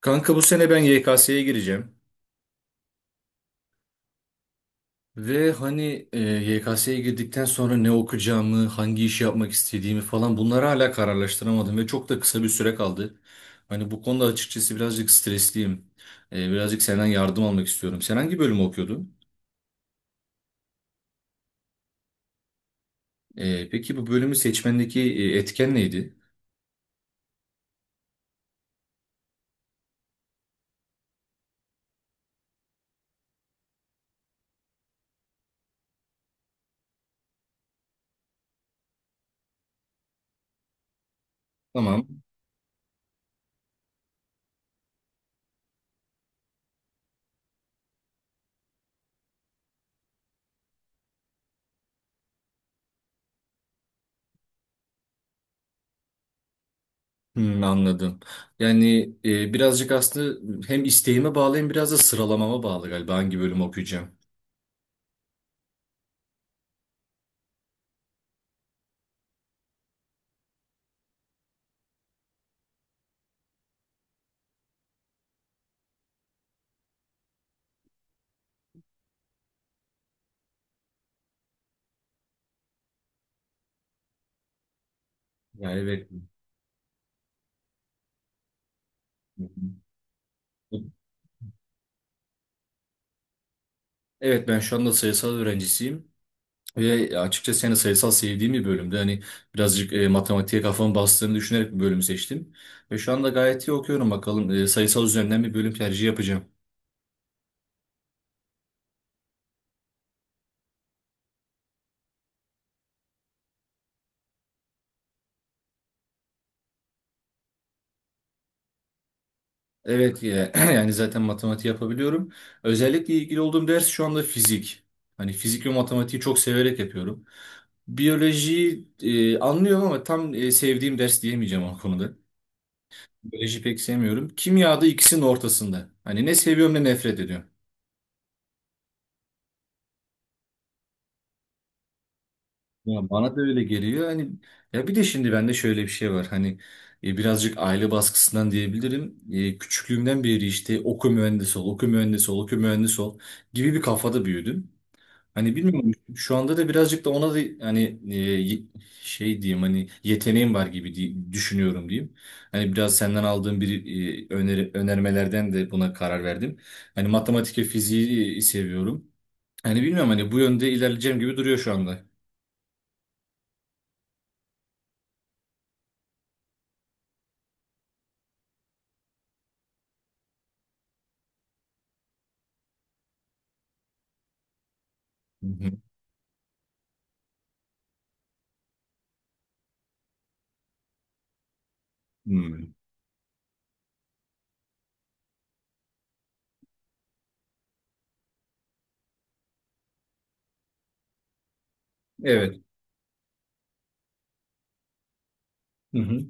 Kanka bu sene ben YKS'ye gireceğim. Ve hani e, YKS'ye girdikten sonra ne okuyacağımı, hangi işi yapmak istediğimi falan bunları hala kararlaştıramadım ve çok da kısa bir süre kaldı. Hani bu konuda açıkçası birazcık stresliyim. Birazcık senden yardım almak istiyorum. Sen hangi bölümü okuyordun? Peki bu bölümü seçmendeki etken neydi? Tamam. Hmm, anladım. Birazcık aslında hem isteğime bağlı hem biraz da sıralamama bağlı galiba hangi bölümü okuyacağım. Yani evet. Evet, ben şu anda sayısal öğrencisiyim ve açıkçası yani sayısal sevdiğim bir bölümde hani birazcık matematiğe kafamı bastığını düşünerek bir bölümü seçtim. Ve şu anda gayet iyi okuyorum. Bakalım, sayısal üzerinden bir bölüm tercihi yapacağım. Evet, yani zaten matematik yapabiliyorum. Özellikle ilgili olduğum ders şu anda fizik. Hani fizik ve matematiği çok severek yapıyorum. Biyolojiyi anlıyorum ama tam sevdiğim ders diyemeyeceğim o konuda. Biyoloji pek sevmiyorum. Kimyada ikisinin ortasında. Hani ne seviyorum ne nefret ediyorum. Ya bana da öyle geliyor. Hani ya bir de şimdi bende şöyle bir şey var. Hani, birazcık aile baskısından diyebilirim. Küçüklüğümden beri işte oku mühendis ol, oku mühendis ol, oku mühendis ol gibi bir kafada büyüdüm. Hani bilmiyorum, şu anda da birazcık da ona da hani şey diyeyim, hani yeteneğim var gibi diye düşünüyorum diyeyim. Hani biraz senden aldığım bir öneri, önermelerden de buna karar verdim. Hani matematik ve fiziği seviyorum. Hani bilmiyorum, hani bu yönde ilerleyeceğim gibi duruyor şu anda. Hı hı. Hmm. Evet. Hı hı.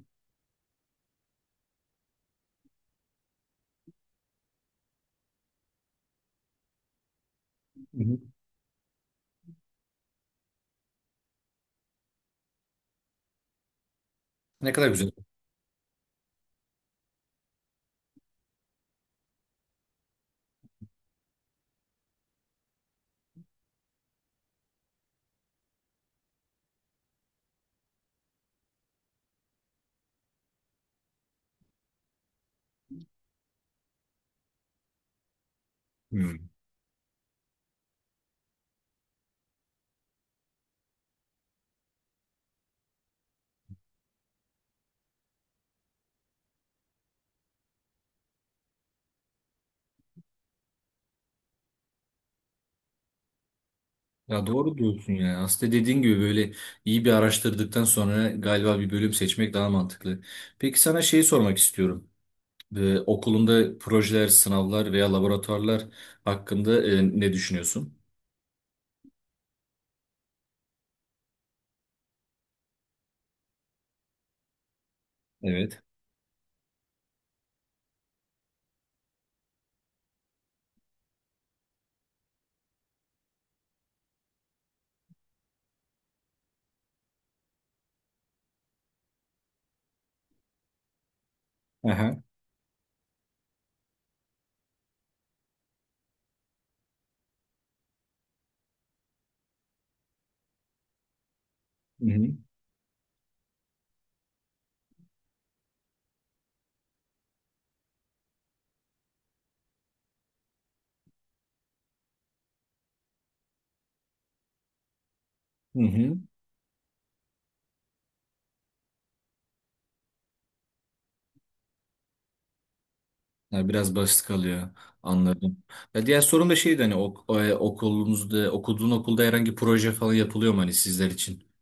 Hı hı. Ne kadar güzel. Hı. Ya doğru diyorsun ya. Aslında dediğin gibi böyle iyi bir araştırdıktan sonra galiba bir bölüm seçmek daha mantıklı. Peki sana şeyi sormak istiyorum. Okulunda projeler, sınavlar veya laboratuvarlar hakkında ne düşünüyorsun? Evet. Aha. Hı hı. Hı hı. Ya biraz basit kalıyor. Anladım. Ya diğer sorum da şeydi, hani okulunuzda, okuduğun okulda herhangi proje falan yapılıyor mu hani sizler için?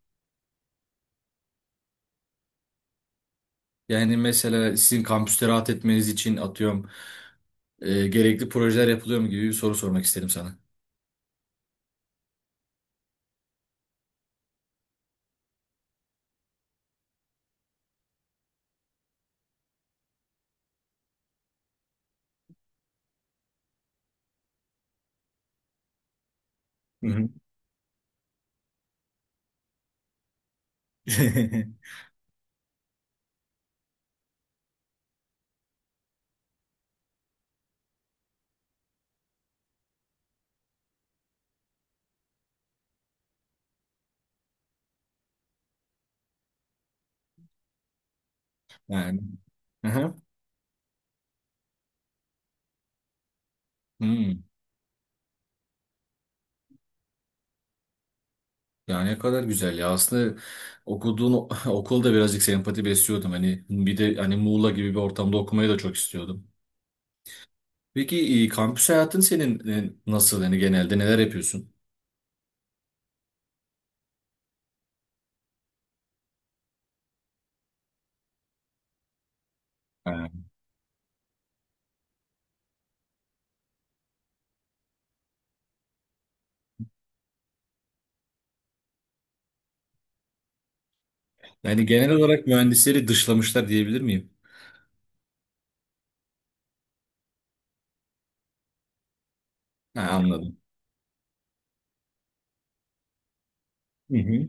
Yani mesela sizin kampüste rahat etmeniz için atıyorum gerekli projeler yapılıyor mu gibi bir soru sormak istedim sana. Hı hı. Yani. Aha. Hmm. Yani ne kadar güzel ya. Aslında okulda birazcık sempati besliyordum. Hani bir de hani Muğla gibi bir ortamda okumayı da çok istiyordum. Peki, kampüs hayatın senin nasıl? Yani genelde neler yapıyorsun? Ha. Yani genel olarak mühendisleri dışlamışlar diyebilir miyim? Ha, anladım. Hı hı.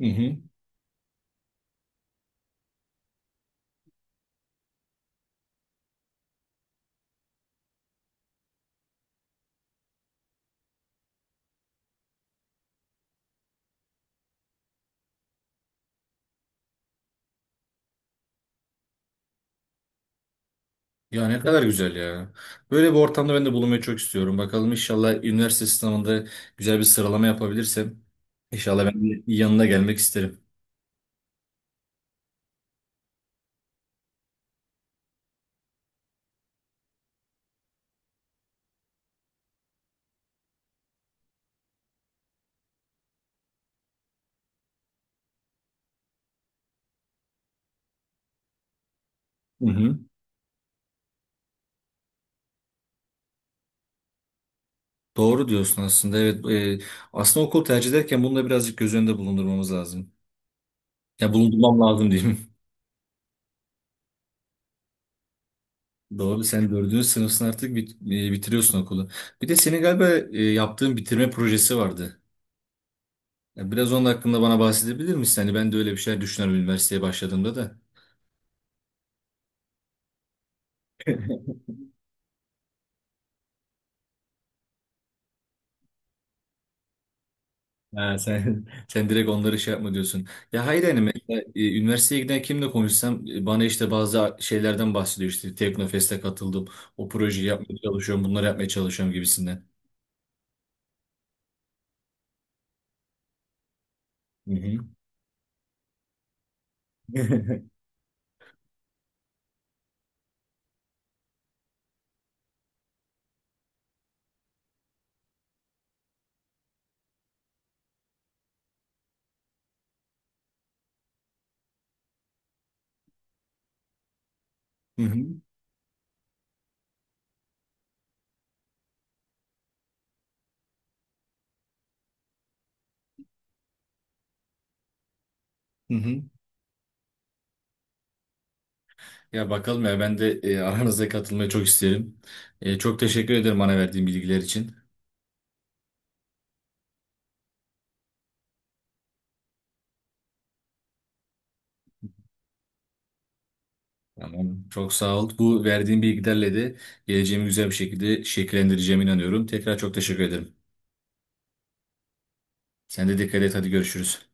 Hı hı. Ya ne kadar güzel ya. Böyle bir ortamda ben de bulunmayı çok istiyorum. Bakalım, inşallah üniversite sınavında güzel bir sıralama yapabilirsem inşallah ben de yanına gelmek isterim. Hı hı. Doğru diyorsun aslında. Evet, e, aslında okul tercih ederken bunu da birazcık göz önünde bulundurmamız lazım. Ya bulundurmam lazım diyeyim. Doğru, sen dördüncü sınıfsın artık, bitiriyorsun okulu. Bir de senin galiba yaptığın bitirme projesi vardı. Ya biraz onun hakkında bana bahsedebilir misin? Hani ben de öyle bir şeyler düşünüyorum üniversiteye başladığımda da. Ha, sen sen direkt onları şey yapma diyorsun. Ya hayır, yani mesela üniversiteye giden kimle konuşsam bana işte bazı şeylerden bahsediyor, işte Teknofest'e katıldım. O projeyi yapmaya çalışıyorum, bunları yapmaya çalışıyorum gibisinden. Hı hı. Hı hı. Hı hı. Ya bakalım ya, ben de aranıza katılmayı çok isterim. Çok teşekkür ederim bana verdiğin bilgiler için. Tamam. Çok sağ ol. Bu verdiğin bilgilerle de geleceğimi güzel bir şekilde şekillendireceğime inanıyorum. Tekrar çok teşekkür ederim. Sen de dikkat et. Hadi görüşürüz.